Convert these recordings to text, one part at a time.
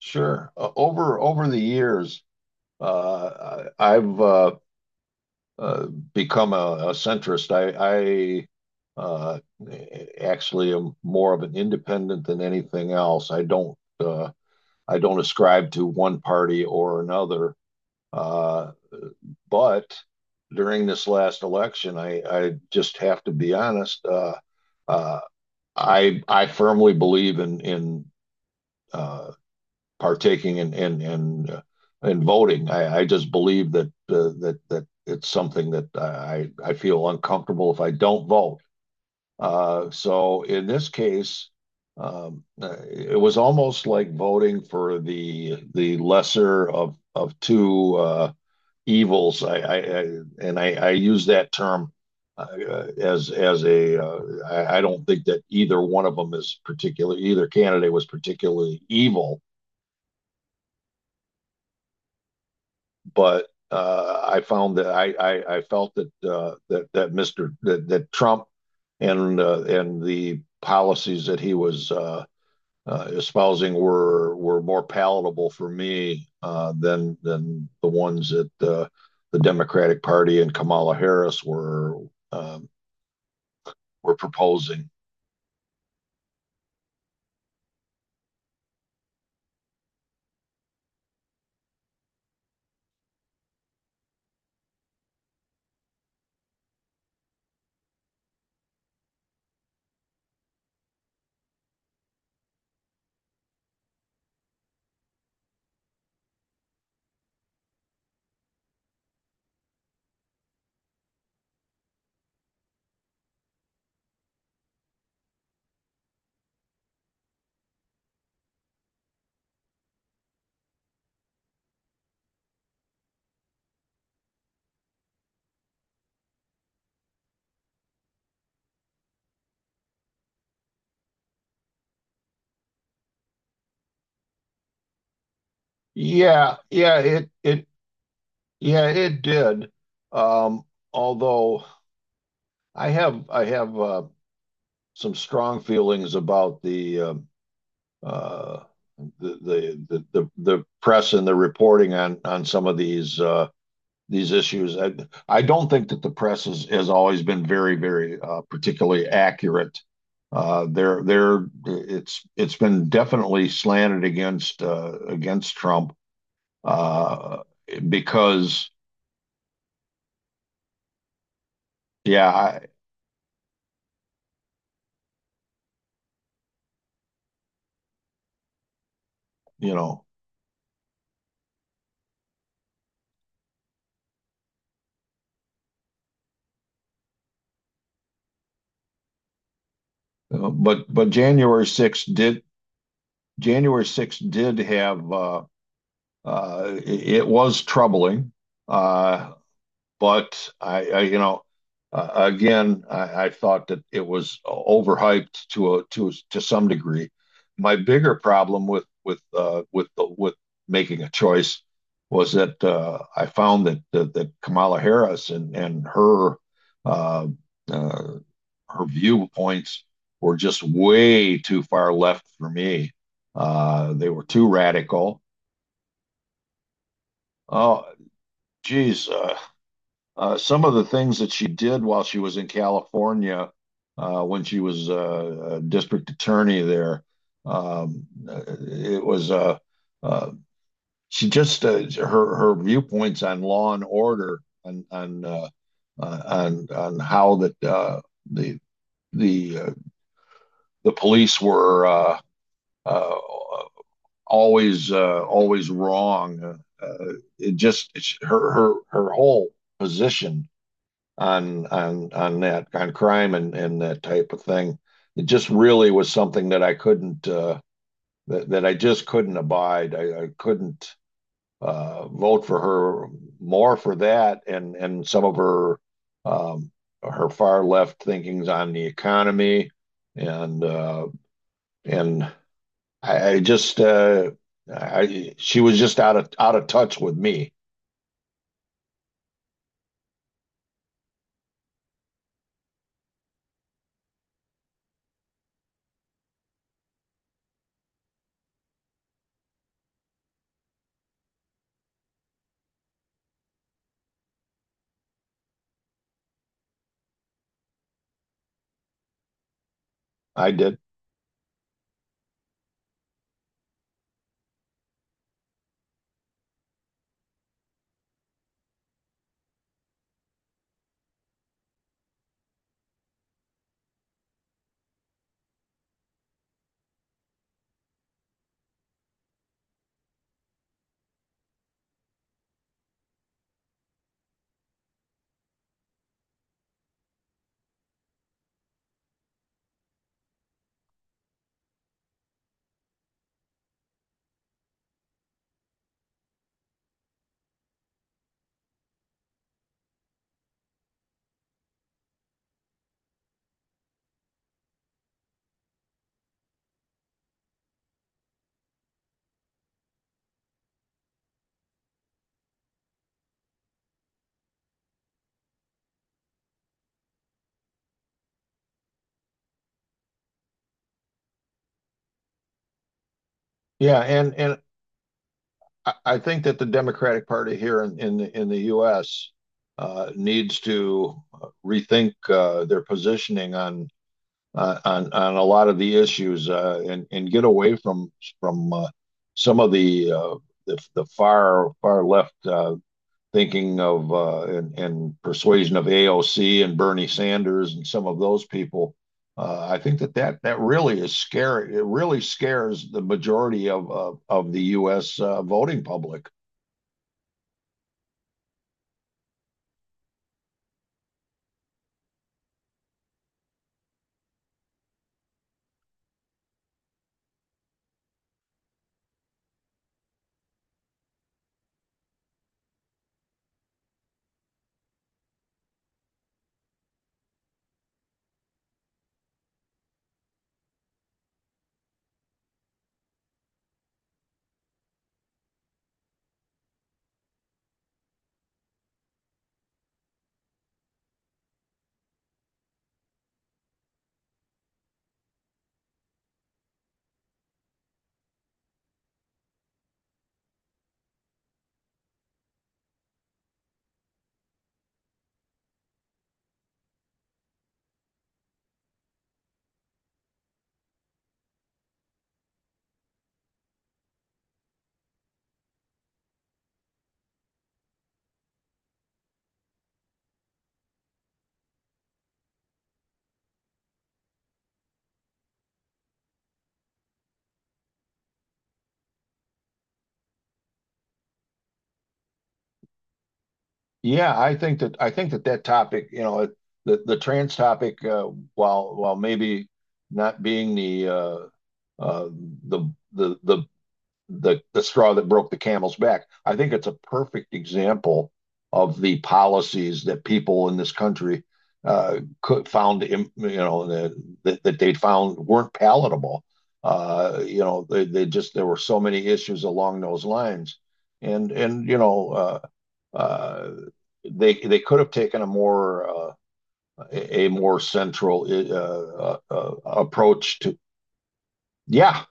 Sure. Over the years, I've uh, become a centrist. I actually am more of an independent than anything else. I don't ascribe to one party or another. Uh, but during this last election, I just have to be honest. Uh, I firmly believe in uh, partaking in in voting. I just believe that it's something that I feel uncomfortable if I don't vote. So in this case, it was almost like voting for the lesser of of two evils. I use that term as I don't think that either one of them is particular either candidate was particularly evil. But I found that I felt that Trump and the policies that he was espousing were more palatable for me than the ones that the Democratic Party and Kamala Harris um, were proposing. Yeah, yeah, it yeah it did. Um, although I have some strong feelings about uh, the press and the reporting on some of these issues. I don't think that the press has always been very very particularly accurate. They're it's been definitely slanted against against Trump uh, because yeah I, you know but January 6 did January 6th did have uh, uh, it, was troubling. Uh, but I, you know, again, I thought that it was overhyped to a to to some degree. My bigger problem with making a choice was that I found that Kamala Harris and uh, uh, her viewpoints were just way too far left for me. They were too radical. Oh, geez, some of the things that she did while she was in California, when she was a district attorney there. Um, it was uh, she just Her viewpoints on law and order, on how that the the uh, the police were uh, always wrong. It just it's her her her whole position on crime and that type of thing. It just really was something that I just couldn't abide. I couldn't vote for her, more for that and some of her um, her far left thinkings on the economy and uh, and I just I she was just out of touch with me. I did. yeah and and I think that the Democratic Party here in the U.S. Needs to rethink their positioning on on a lot of the issues, and get away from from uh, some of the far far left thinking and persuasion of AOC and Bernie Sanders and some of those people. I think that, that really is scary. It really scares the majority of the U.S. Voting public. Yeah, I think that that topic, you know, the trans topic, while maybe not being uh, the the the the straw that broke the camel's back. I think it's a perfect example of the policies that people in this country you know, that that they found weren't palatable. You know, they just there were so many issues along those lines, and you know. Uh, they they could have taken a more central approach to. Yeah,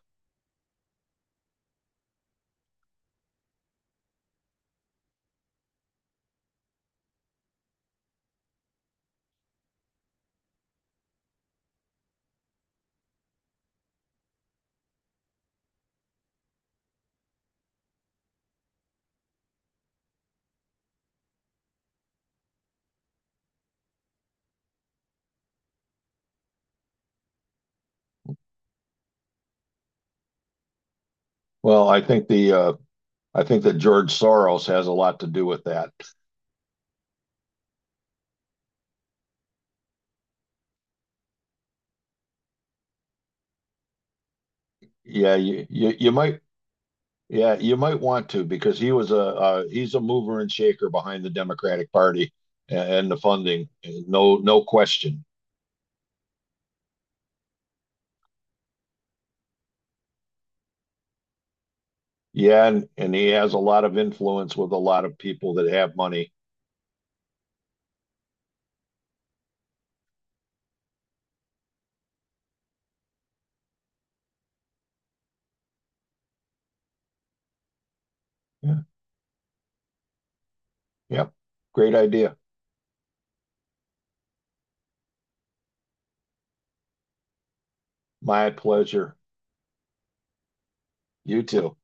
well, I think that George Soros has a lot to do with that. Yeah, you might. Yeah, you might want to, because he was a he's a mover and shaker behind the Democratic Party and the funding, no no question. Yeah, and he has a lot of influence with a lot of people that have money. Yeah, yeah, great idea. My pleasure. You too.